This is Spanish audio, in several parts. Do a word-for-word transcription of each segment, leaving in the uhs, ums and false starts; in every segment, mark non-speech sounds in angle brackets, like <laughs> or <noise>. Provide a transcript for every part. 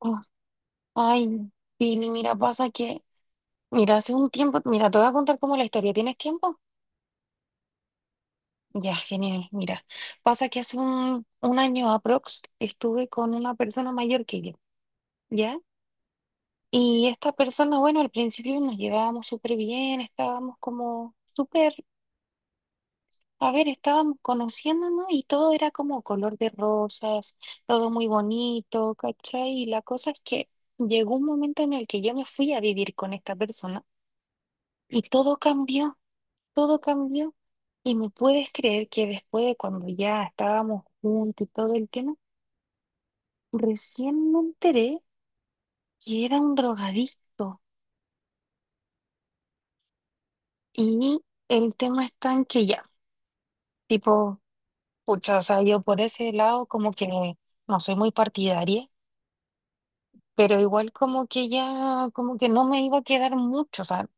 Oh, ay, Pili, mira, pasa que, mira, hace un tiempo, mira, te voy a contar como la historia. ¿Tienes tiempo? Ya, genial, mira. Pasa que hace un, un año aprox estuve con una persona mayor que yo, ¿ya? Y esta persona, bueno, al principio nos llevábamos súper bien, estábamos como súper, a ver, estábamos conociéndonos y todo era como color de rosas, todo muy bonito, ¿cachai? Y la cosa es que llegó un momento en el que yo me fui a vivir con esta persona y todo cambió. Todo cambió. Y me puedes creer que después de cuando ya estábamos juntos y todo el tema, recién me enteré que era un drogadicto. Y el tema está en que ya, tipo, pucha, o sea, yo por ese lado como que no soy muy partidaria, pero igual como que ya, como que no me iba a quedar mucho, o sea,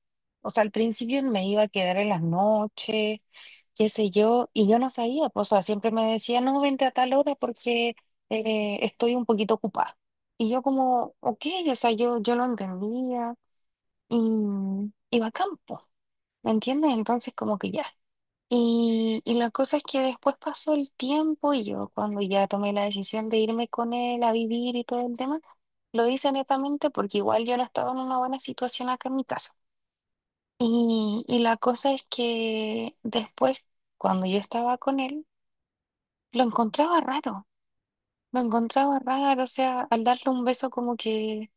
o sea, al principio me iba a quedar en las noches, qué sé yo, y yo no sabía, pues, o sea, siempre me decía, no, vente a tal hora porque eh, estoy un poquito ocupada. Y yo como, ok, o sea, yo, yo lo entendía y iba a campo, ¿me entiendes? Entonces como que ya. Y, y la cosa es que después pasó el tiempo y yo cuando ya tomé la decisión de irme con él a vivir y todo el tema, lo hice netamente porque igual yo no estaba en una buena situación acá en mi casa. Y, y la cosa es que después, cuando yo estaba con él, lo encontraba raro, lo encontraba raro, o sea, al darle un beso como que,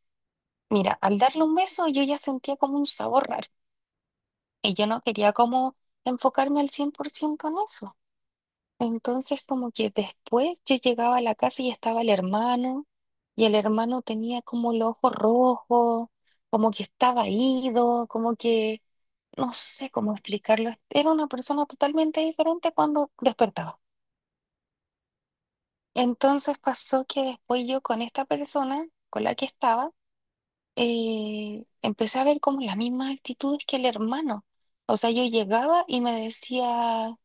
mira, al darle un beso yo ya sentía como un sabor raro y yo no quería como enfocarme al cien por ciento en eso. Entonces, como que después yo llegaba a la casa y estaba el hermano, y el hermano tenía como el ojo rojo, como que estaba ido, como que no sé cómo explicarlo. Era una persona totalmente diferente cuando despertaba. Entonces pasó que después yo con esta persona con la que estaba, eh, empecé a ver como las mismas actitudes que el hermano. O sea, yo llegaba y me decía.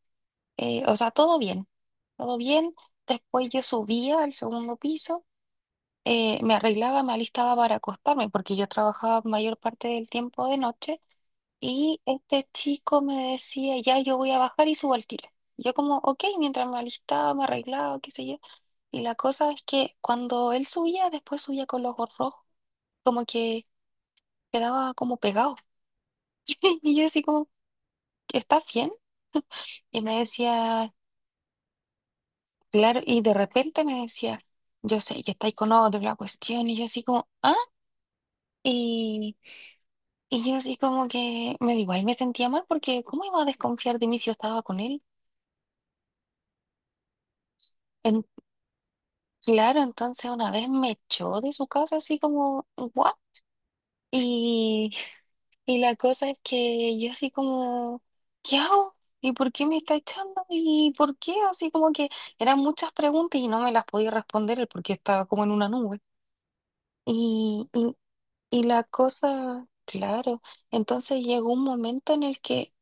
eh, O sea, todo bien, todo bien. Después yo subía al segundo piso, eh, me arreglaba, me alistaba para acostarme, porque yo trabajaba mayor parte del tiempo de noche, y este chico me decía, ya yo voy a bajar y subo al tiro. Yo como, ok, mientras me alistaba, me arreglaba, qué sé yo. Y la cosa es que cuando él subía, después subía con los ojos rojos, como que quedaba como pegado. <laughs> Y yo así como, ¿estás bien? Y me decía, claro, y de repente me decía, yo sé que estáis con otro, la cuestión, y yo así como, ah, y, y yo así como que me digo, ahí me sentía mal porque ¿cómo iba a desconfiar de mí si yo estaba con él? En- claro, entonces una vez me echó de su casa así como, ¿what? Y, y la cosa es que yo así como, ¿qué hago? ¿Y por qué me está echando? ¿Y por qué? Así como que eran muchas preguntas y no me las podía responder él porque estaba como en una nube. y y Y la cosa, claro, entonces llegó un momento en el que,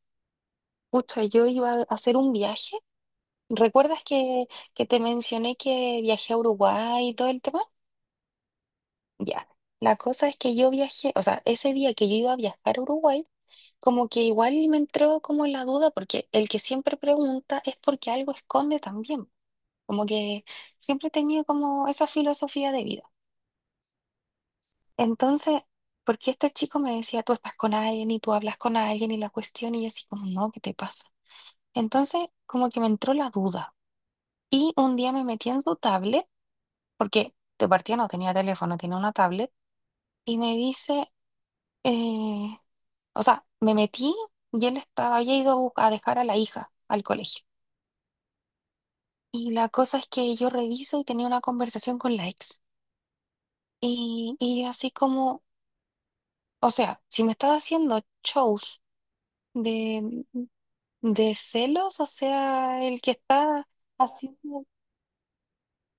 pucha, yo iba a hacer un viaje. ¿Recuerdas que, que te mencioné que viajé a Uruguay y todo el tema? Ya. La cosa es que yo viajé, o sea, ese día que yo iba a viajar a Uruguay, como que igual me entró como la duda, porque el que siempre pregunta es porque algo esconde también. Como que siempre he tenido como esa filosofía de vida. Entonces, porque este chico me decía, tú estás con alguien y tú hablas con alguien y la cuestión, y yo así como, no, ¿qué te pasa? Entonces, como que me entró la duda. Y un día me metí en su tablet, porque de partida no tenía teléfono, tenía una tablet, y me dice, eh, o sea, me metí y él estaba, había ido a bus- a dejar a la hija al colegio. Y la cosa es que yo reviso y tenía una conversación con la ex. Y, y yo así como, o sea, si me estaba haciendo shows. De, De celos, o sea, el que está haciendo,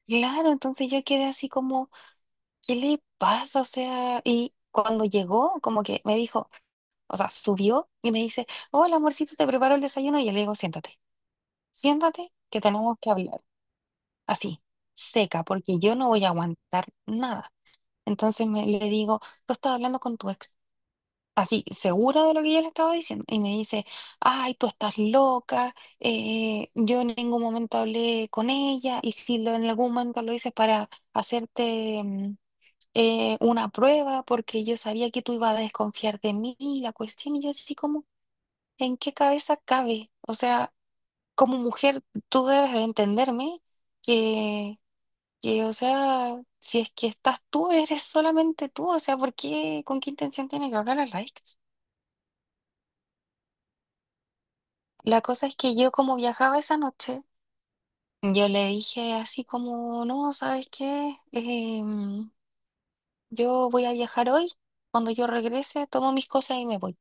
claro, entonces yo quedé así como, ¿qué le pasa? O sea, y cuando llegó, como que me dijo, o sea, subió y me dice, hola amorcito, te preparo el desayuno, y yo le digo, siéntate, siéntate, que tenemos que hablar, así, seca, porque yo no voy a aguantar nada. Entonces me, le digo, tú estás hablando con tu ex. Así segura de lo que yo le estaba diciendo y me dice, ay, tú estás loca, eh, yo en ningún momento hablé con ella y si lo, en algún momento lo hice para hacerte mm, eh, una prueba porque yo sabía que tú ibas a desconfiar de mí, la cuestión, y yo así como, ¿en qué cabeza cabe? O sea, como mujer tú debes de entenderme que... Que, o sea, si es que estás tú, eres solamente tú, o sea, ¿por qué, con qué intención tiene que hablar a la ex? La cosa es que yo como viajaba esa noche, yo le dije así como, no, ¿sabes qué? Em, yo voy a viajar hoy, cuando yo regrese tomo mis cosas y me voy.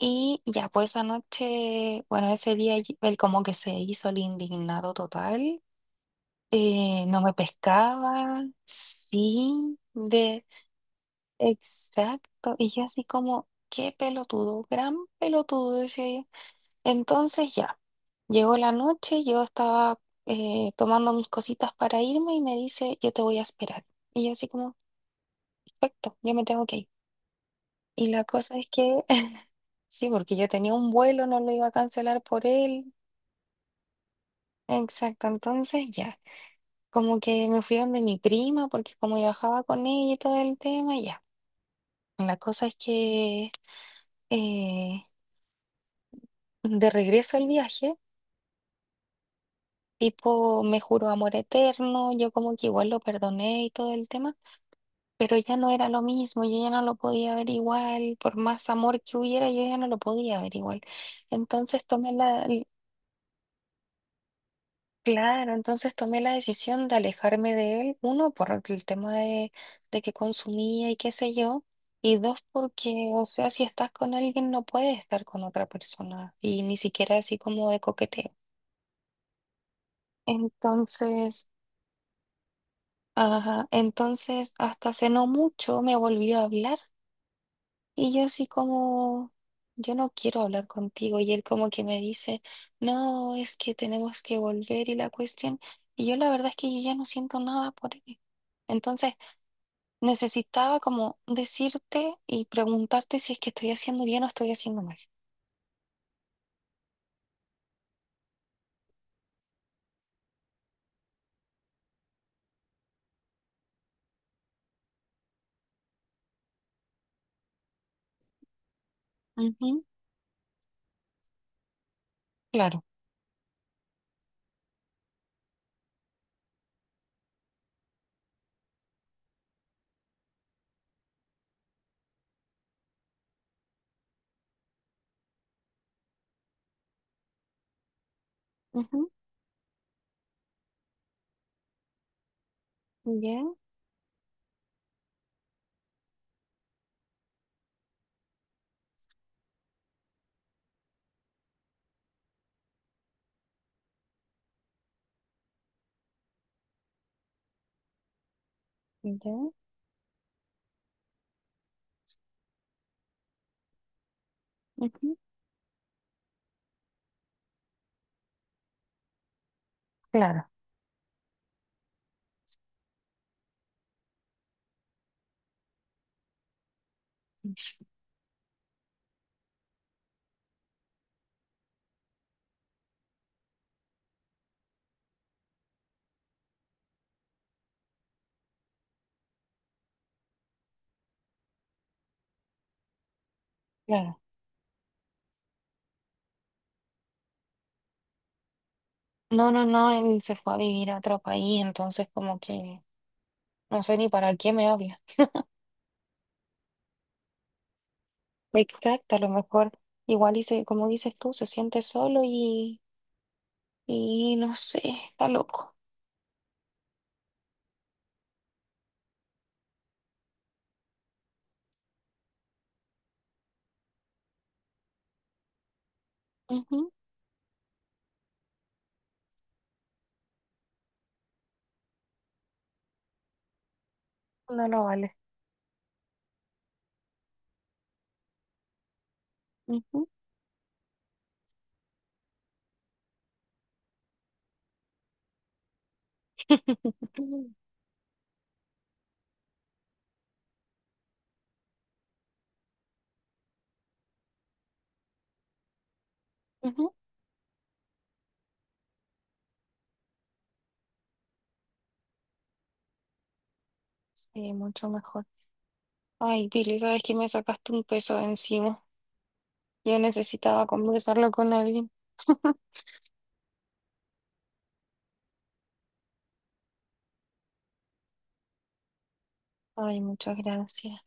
Y ya pues esa noche, bueno, ese día y- él como que se hizo el indignado total, eh, no me pescaba, sí, de exacto. Y yo así como, qué pelotudo, gran pelotudo, decía yo. Entonces ya, llegó la noche, yo estaba eh, tomando mis cositas para irme y me dice, yo te voy a esperar. Y yo así como, perfecto, yo me tengo que ir. Y la cosa es que, <laughs> sí, porque yo tenía un vuelo, no lo iba a cancelar por él. Exacto, entonces ya, como que me fui donde mi prima, porque como viajaba con ella y todo el tema, ya. La cosa es que eh, de regreso al viaje, tipo, me juró amor eterno, yo como que igual lo perdoné y todo el tema. Pero ya no era lo mismo, yo ya no lo podía ver igual, por más amor que hubiera, yo ya no lo podía ver igual. Entonces tomé la, l- claro, entonces tomé la decisión de alejarme de él, uno, por el tema de, de que consumía y qué sé yo, y dos, porque, o sea, si estás con alguien no puedes estar con otra persona, y ni siquiera así como de coqueteo. Entonces, ajá, entonces hasta hace no mucho me volvió a hablar. Y yo así como, yo no quiero hablar contigo. Y él como que me dice, no, es que tenemos que volver y la cuestión. Y yo la verdad es que yo ya no siento nada por él. Entonces necesitaba como decirte y preguntarte si es que estoy haciendo bien o estoy haciendo mal. Ujú, claro. Ujú, ya, ya, ujú, claro. Sí, claro. No, no, no, él se fue a vivir a otro país, entonces como que no sé ni para qué me habla. Exacto, a lo mejor igual y se- como dices tú, se siente solo y, y no sé, está loco. Ujú, no lo vale. Ujú. <laughs> Ujú. Sí, mucho mejor. Ay, Pili, sabes que me sacaste un peso de encima. Yo necesitaba conversarlo con alguien. <laughs> Ay, muchas gracias.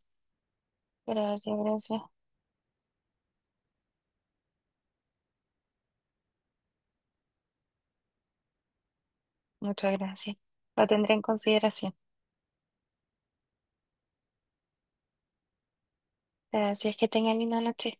Gracias, gracias. Muchas gracias. Lo tendré en consideración. Gracias, que tengan linda noche.